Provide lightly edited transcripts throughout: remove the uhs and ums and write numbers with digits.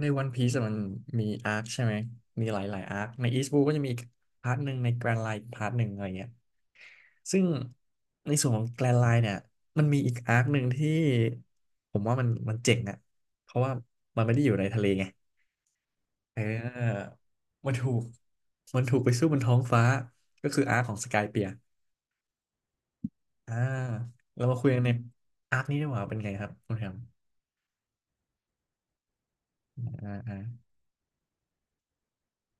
ในวันพีซมันมีอาร์คใช่ไหม มีหลายๆอาร์คในอีสต์บูก็จะมีอีกพาร์ทหนึ่งในแกรนไลน์พาร์ทหนึ่งอะไรเงี้ยซึ่งในส่วนของแกรนไลน์เนี่ยมันมีอีกอาร์คหนึ่งที่ผมว่ามันเจ๋งอะเพราะว่ามันไม่ได้อยู่ในทะเลไงเออ มันถูก มันถูกไปสู้บนท้องฟ้า ก็คืออาร์คของสกายเปียร์อ่า เรามาคุยกันในอาร์คนี้ดีกว่าเป็นไงครับ คุณแฮมอ่าอ่า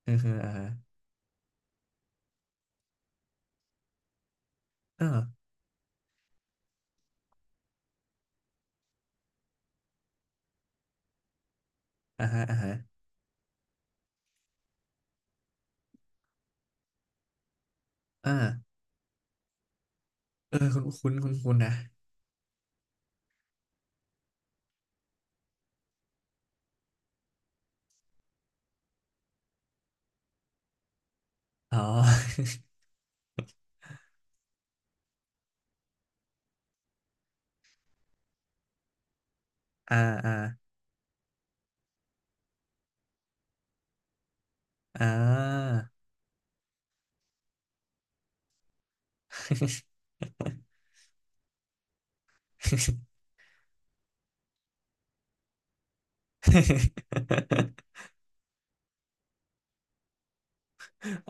เออเอออ่าอ่าอ่าอ่าอ่าอ่าเออคุณนะ อ๋อ อ่าอ่าอ่า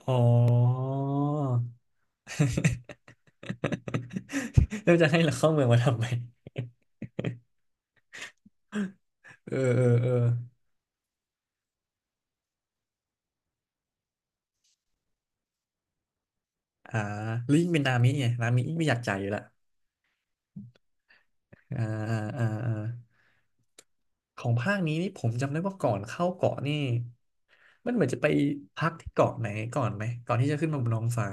อ๋อ แล้วจะให้เราเข้าเมืองมาทำไมเออ เออเอออ่าลิงก์เป็นนามิไงนามิไม่อยากจ่ายอยู่ละอ่าอ่าอ่าอ่าของภาคนี้นี่ผมจำได้ว่าก่อนเข้าเกาะนี่มันเหมือนจะไปพักที่เกาะไหนก่อนไหม ก่อนที่จะขึ้นมาบนท้องฟ้า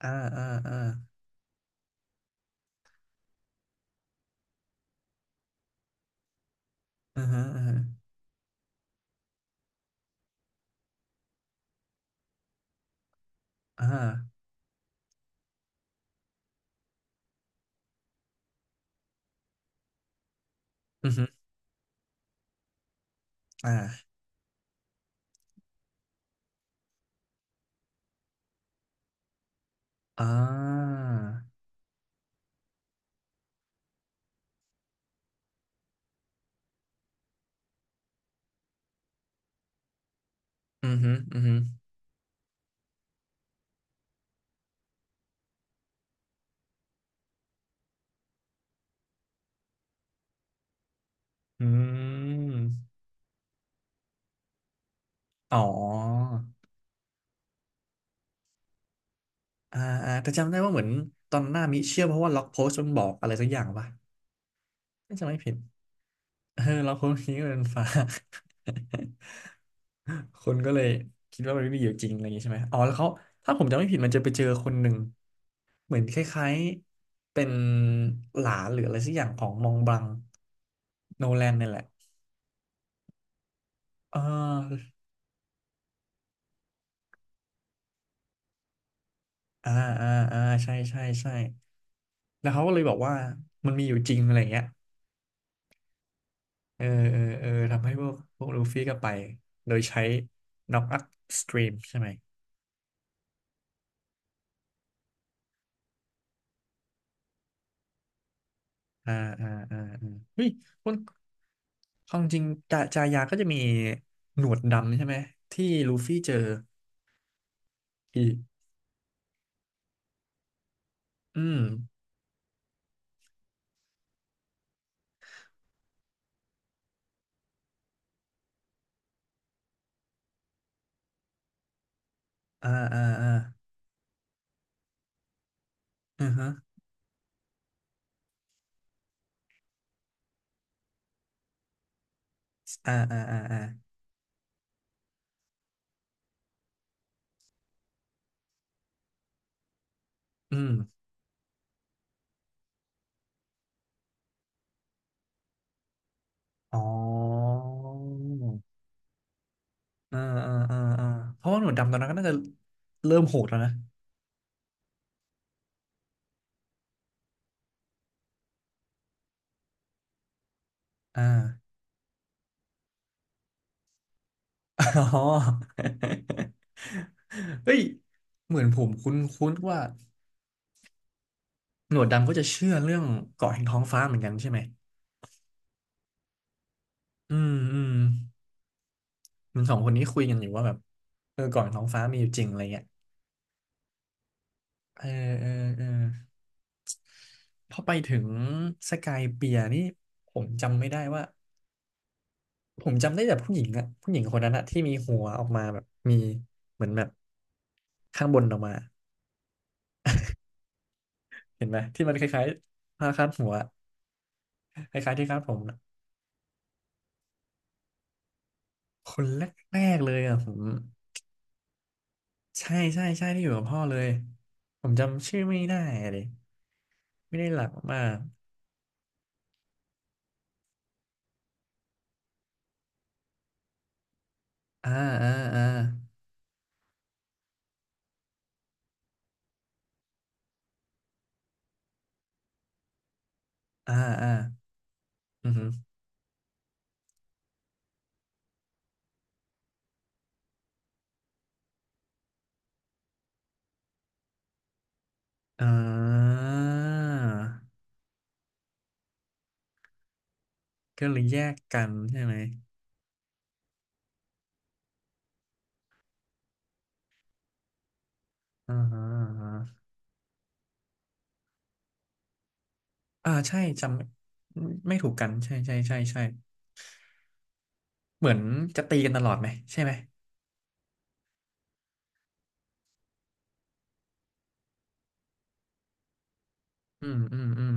อ่าอ่า อ่าอ่าฮะอ่าฮะอ่าอือฮึอ่า อ่าอือฮึอือฮึอืมอ๋ออ่าอ่าแต่จำได้ว่าเหมือนตอนหน้ามิเชื่อเพราะว่าล็อกโพสต์มันบอกอะไรสักอย่างป่ะน่าจะไม่ผิดเออล็อกโพสต์นี้ก็เป็นฟ้า คนก็เลยคิดว่ามันไม่มีอยู่จริงอะไรอย่างนี้ใช่ไหมอ๋อแล้วเขาถ้าผมจำไม่ผิดมันจะไปเจอคนหนึ่งเหมือนคล้ายๆเป็นหลานหรืออะไรสักอย่างของมองบังโนแลนนี่แหละเอ่อ่าอ่าอ่าใช่ใช่ใช่ แล้วเขาก็เลยบอกว่ามันมีอยู่จริงอะไรเงี้ยเออเออเออทำให้พวกลูฟี่ก็ไปโดยใช้น็อกอัพสตรีมใช่ไหมอ่าอ่าอ่าอ่าเฮ้ยคนความจริงจายาก็จะมีหนวดดำใช่ไหมที่ลูฟี่เจออีกอืมอ่าอ่าอ่าอือฮะอ่าอ่าอ่าอ่าอืมอ๋ออ่าอ่าอ่าอ่าเพราะว่าหนวดดำตอนนั้นก็น่าจะเริ่มโหดแล้วนะอ่า อ๋อ เฮ้ยเหมือนผมคุ้นคุ้นว่าหนวดดำก็จะเชื่อเรื่องเกาะแห่งท้องฟ้าเหมือนกันใช่ไหมอืมอืมเหมันสองคนนี้คุยกันอยู่ว่าแบบเออเกาะแห่งท้องฟ้ามีอยู่จริงอะไรเงี้ยเออเออเออพอไปถึงสกายเปียร์นี่ผมจำไม่ได้ว่าผมจำได้แต่ผู้หญิงอะผู้หญิงคนนั้นอะที่มีหัวออกมาแบบมีเหมือนแบบข้างบนออกมาเห็นไหมที่มันคล้ายๆผ้าคาดหัวคล้ายๆที่คาดผม คนแรกๆเลยอ่ะผมใช่ใช่ใช่ที่อยู่กับพ่อเลยผมจำชื่อไม่ได้เลยไม่ได้หลักมากอ่าอ่าอ่าอ่าอ่าอือหืออ่าก็เลยแยกกันใช่ไหมอ่าฮะอ่าฮะอ่าใช่จำไม่ถูกกันใช่ใช่ใช่ใช่เหมือนจะตีกันตลอดไหมใช่ไหมอืมอืมอืม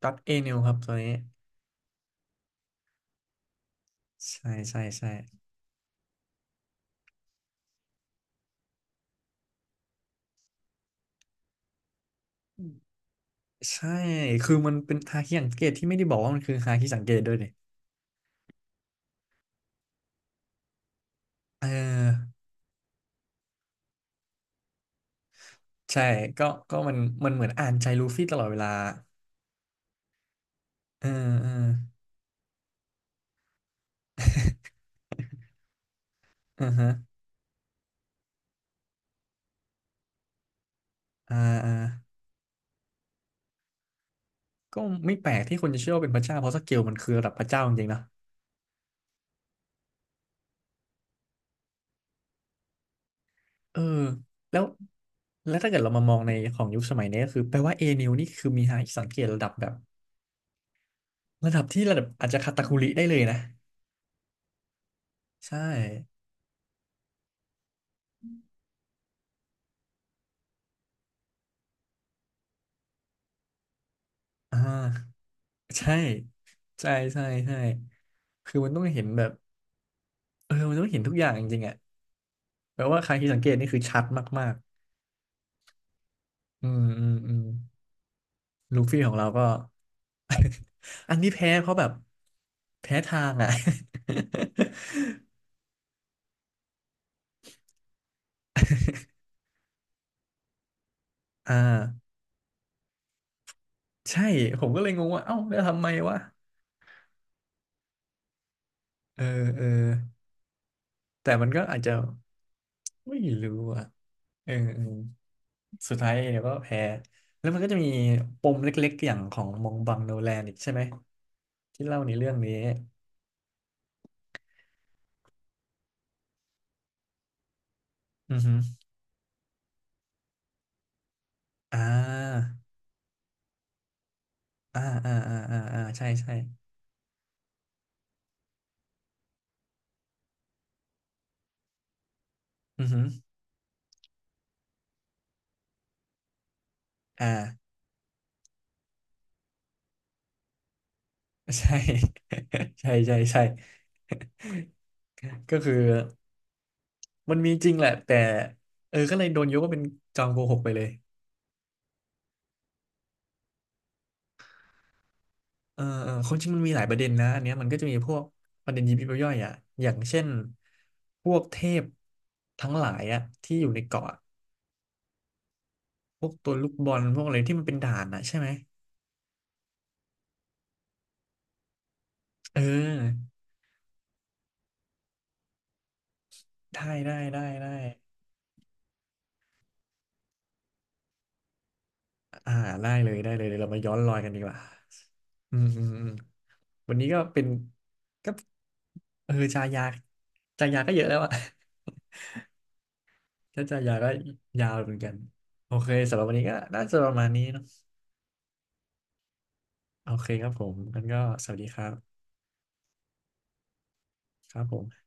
ตัดเอนิวครับตัวนี้ใช่ใช่ใช่ใช่คือมันเป็นฮาคิสังเกตที่ไม่ได้บอกว่ามันคือฮาคิสังเกตด้วยดิ เออใช่ก็ก็มันเหมือนอ่านใจลูฟี่ตลอดเวลาเออเออเอือฮะอ่าอ่าก็ไม่แปลกที่คนจะเชื่อว่าเป็นพระเจ้าเพราะสเกลมันคือระดับพระเจ้าจริงๆนะเออแล้วแล้วถ้าเกิดเรามามองในของยุคสมัยนี้ก็คือแปลว่าเอนิวนี่คือมีหาสังเกตระดับแบบระดับที่ระดับอาจจะคาตาคุริได้เลยนะใช่อ่าใช่ใช่ใช่ใช่คือมันต้องเห็นแบบเออมันต้องเห็นทุกอย่างจริงๆอ่ะแปลว่าใครที่สังเกตนี่คือชัดมาก อืมอืมอืมลูฟี่ของเราก็ อันนี้แพ้เขาแบบแพ้ทางอ่ะ อ่าใช่ผมก็เลยงงว่าเอ้าแล้วทำไมวะเออเออแต่มันก็อาจจะไม่รู้อ่ะเออเออสุดท้ายเดี๋ยวก็แพ้แล้วมันก็จะมีปมเล็กๆอย่างของมองบังโนแลนอีกใช่ไหมที่เล่าในเรื่องนี้อือฮึอ่าอ่าอ่าอ่าอ่าอ่าใช่ใช่อือฮึอ่า ใช่ ใช่ใช่ใช่ก็คือมันมีจริงแหละแต่เออก็เลยโดนยกว่าเป็นจอมโกหกไปเลยเออเออความจริงมันมีหลายประเด็นนะอันเนี้ยมันก็จะมีพวกประเด็นยิบย่อยๆอ่ะอย่างเช่นพวกเทพทั้งหลายอ่ะที่อยู่ในเกาะอะพวกตัวลูกบอลพวกอะไรที่มันเป็นด่านอ่ะใช่ไหมเออได้อ่าได้เลยได้เลยเดี๋ยวเรามาย้อนรอยกันดีกว่าอืม วันนี้ก็เป็นก็เออชายาชายาก็เยอะแล้วอะ ถ้าชายาก็ยาวเหมือนกันโอเคสำหรับวันนี้ก็น่าจะประมาณนี้เนาะโอเคครับผมงั้นก็สวัสดีครับครับผม